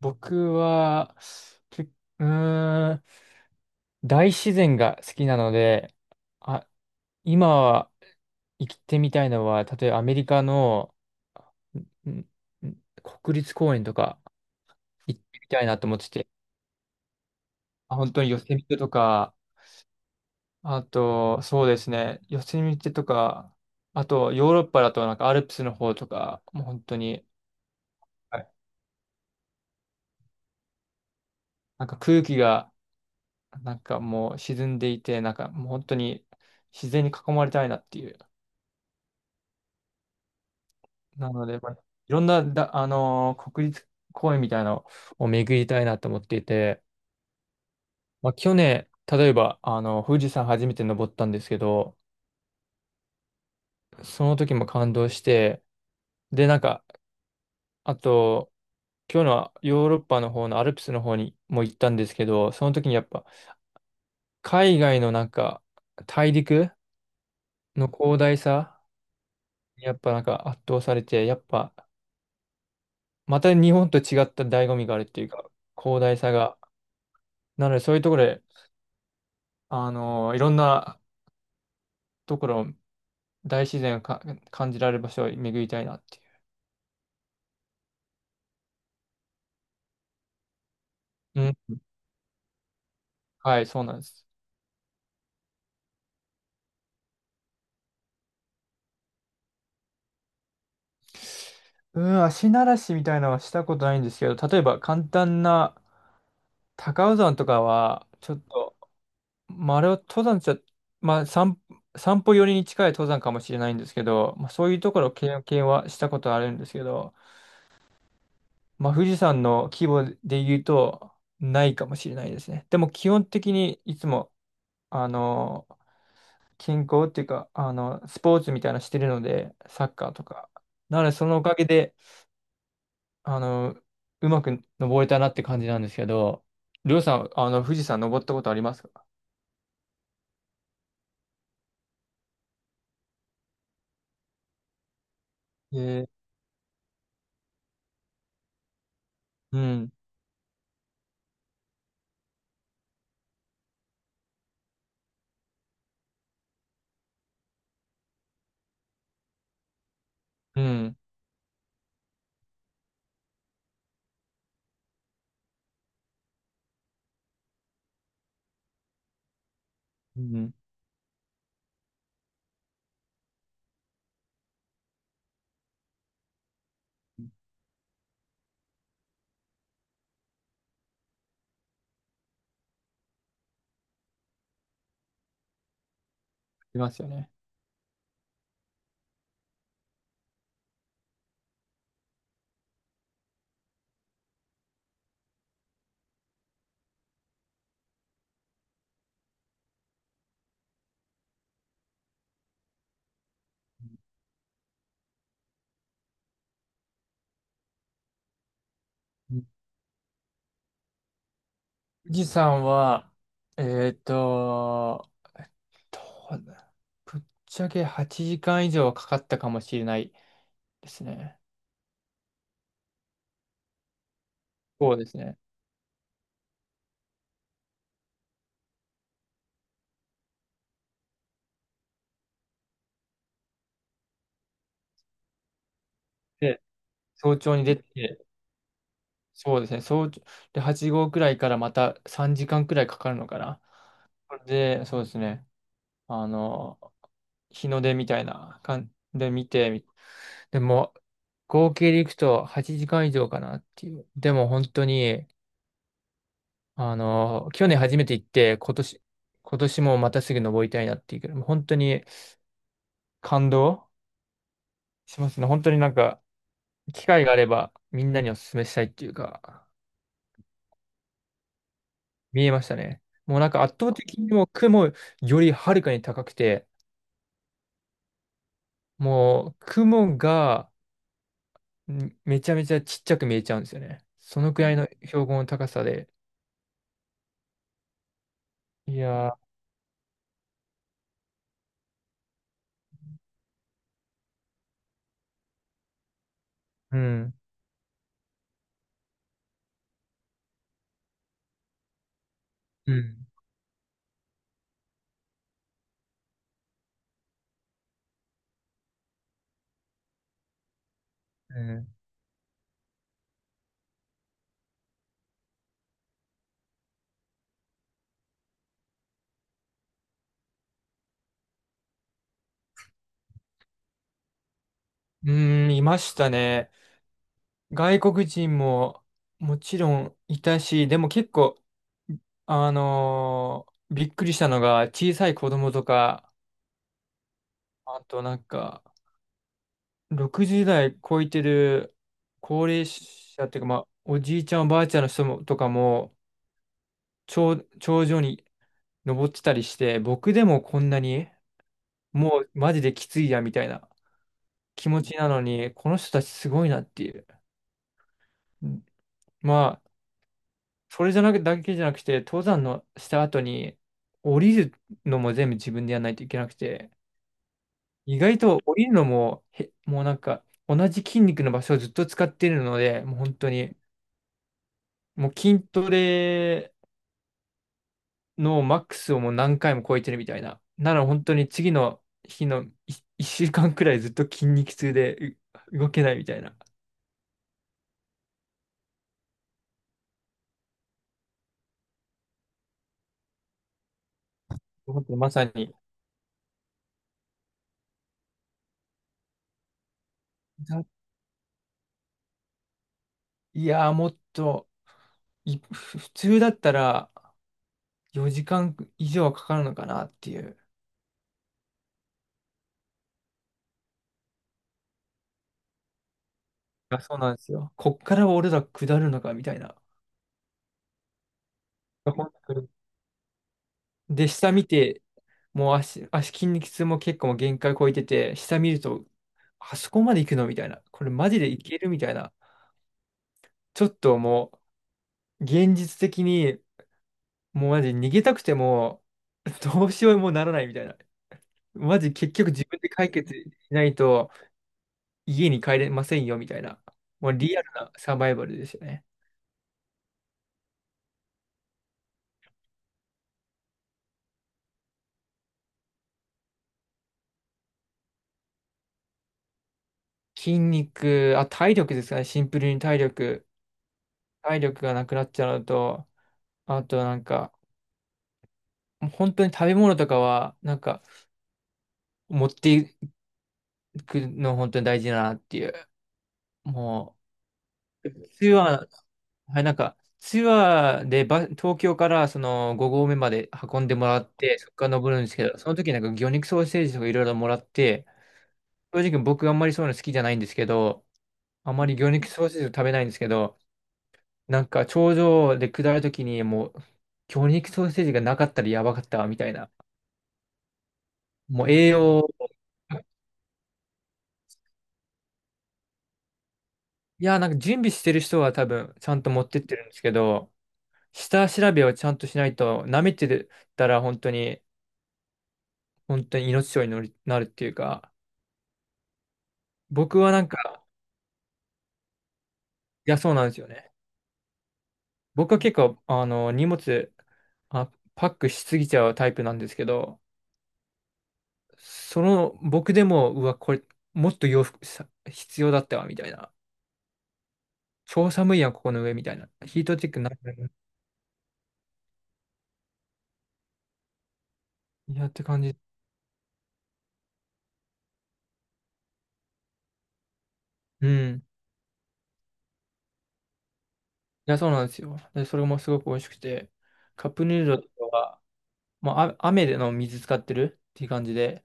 僕は、け、うーん、大自然が好きなので、あ、今は行ってみたいのは、例えばアメリカのんん国立公園とか行ってみたいなと思ってて、本当にヨセミテとか、あと、そうですね、ヨセミテとか、あとヨーロッパだとアルプスの方とか、もう本当に、はい。空気がもう沈んでいて、もう本当に自然に囲まれたいなっていう。なので、まあ、いろんなだ、国立公園みたいなのを巡りたいなと思っていて、まあ、去年、例えば、富士山初めて登ったんですけど、その時も感動して、で、なんか、あと、今日のはヨーロッパの方のアルプスの方にも行ったんですけど、その時にやっぱ、海外の大陸の広大さ、やっぱ圧倒されて、やっぱ、また日本と違った醍醐味があるっていうか、広大さが。なので、そういうところで、あのいろんなところ、大自然を感じられる場所を巡りたいなっていう。うん。はい、そうなんです。うん、足慣らしみたいなのはしたことないんですけど、例えば簡単な高尾山とかは、ちょっと、まあ、あれは登山じゃ、まあ、散歩寄りに近い登山かもしれないんですけど、まあ、そういうところを経験はしたことあるんですけど、まあ、富士山の規模で言うと、ないかもしれないですね。でも、基本的にいつも、あの、健康っていうか、スポーツみたいなのしてるので、サッカーとか。なので、そのおかげで、あの、うまく登れたなって感じなんですけど、りょうさん、富士山登ったことありますか？えー、うん、うん、うん、ありますよね。うん、富士山は、えっと、どうだぶっちゃけ8時間以上はかかったかもしれないですね。そうですね。で、早朝に出て、そうですね。早朝、で、8号くらいからまた3時間くらいかかるのかな。で、そうですね。あの、日の出みたいな感じで見て、でも、合計でいくと8時間以上かなっていう。でも本当に、あの、去年初めて行って、今年もまたすぐ登りたいなっていうけど、もう本当に感動しますね。本当に、機会があればみんなにお勧めしたいっていうか、見えましたね。もう圧倒的にもう雲よりはるかに高くて、もう雲がめちゃめちゃちっちゃく見えちゃうんですよね。そのくらいの標高の高さで。いやー、うん、うん、うん、うーん、いましたね。外国人ももちろんいたし、でも結構、びっくりしたのが小さい子供とか、あと、60代超えてる高齢者っていうか、まあ、おじいちゃん、おばあちゃんの人もとかも、頂上に登ってたりして、僕でもこんなに、もうマジできついや、みたいな気持ちなのに、この人たちすごいなっていう。うん。まあ、それじゃなく、だけじゃなくて、登山のした後に、降りるのも全部自分でやらないといけなくて、意外と降りるのも、もう、同じ筋肉の場所をずっと使ってるので、もう本当に、もう筋トレのマックスをもう何回も超えてるみたいな。なら本当に次の日の1週間くらいずっと筋肉痛で動けないみたいな。本当にまさに。だいやー、もっと普通だったら4時間以上はかかるのかなっていう。あ、そうなんですよ。こっから俺ら下るのかみたいな。本当に。で、下見て、もう足、足筋肉痛も結構もう限界超えてて、下見ると、あそこまで行くのみたいな。これマジでいけるみたいな。ちょっとも現実的に、もうマジ逃げたくても、どうしようもならないみたいな。マジ結局自分で解決しないと、家に帰れませんよみたいな。もうリアルなサバイバルですよね。筋肉、あ、体力ですかね。シンプルに体力。体力がなくなっちゃうのと、あとなんか、もう本当に食べ物とかは、持っていくの本当に大事だなっていう。もう、普通ははい、ツアーで東京からその5合目まで運んでもらって、そこから登るんですけど、その時魚肉ソーセージとかいろいろもらって、正直僕あんまりそういうの好きじゃないんですけど、あんまり魚肉ソーセージを食べないんですけど、頂上で下る時にもう、魚肉ソーセージがなかったらやばかったわみたいな。もう栄養、いや、準備してる人は多分ちゃんと持ってってるんですけど、下調べをちゃんとしないと、舐めてたら本当に、本当に命取りになるっていうか、僕はなんか、いや、そうなんですよね。僕は結構、荷物、パックしすぎちゃうタイプなんですけど、その、僕でも、うわ、これ、もっと洋服、必要だったわ、みたいな。超寒いやん、ここの上、みたいな。ヒートチェックな、いって感じ。うん。いや、そうなんですよ。で、それもすごく美味しくて、カップヌードルとかは、もう、あ、雨での水使ってるっていう感じで、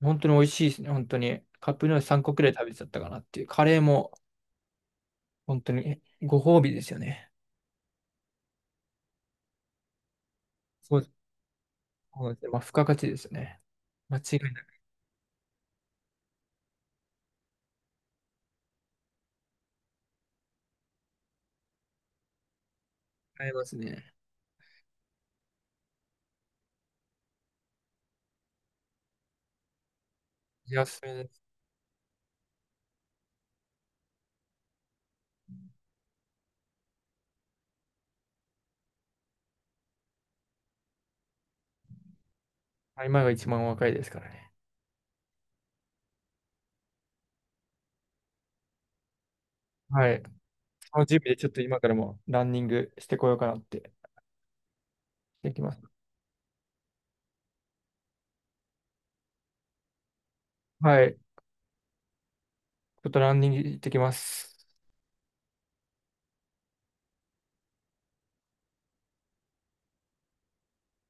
本当に美味しいですね、本当に。カップヌードル3個くらい食べちゃったかなっていう。カレーも、本当にご褒美ですよね。そうです。そうですね。まあ、付加価値ですね。間違いなくありますね。いや、そうです。今が一番若いですからね。はい。その準備でちょっと今からもランニングしてこようかなって。できます。はい。ちょっとランニング行ってきます。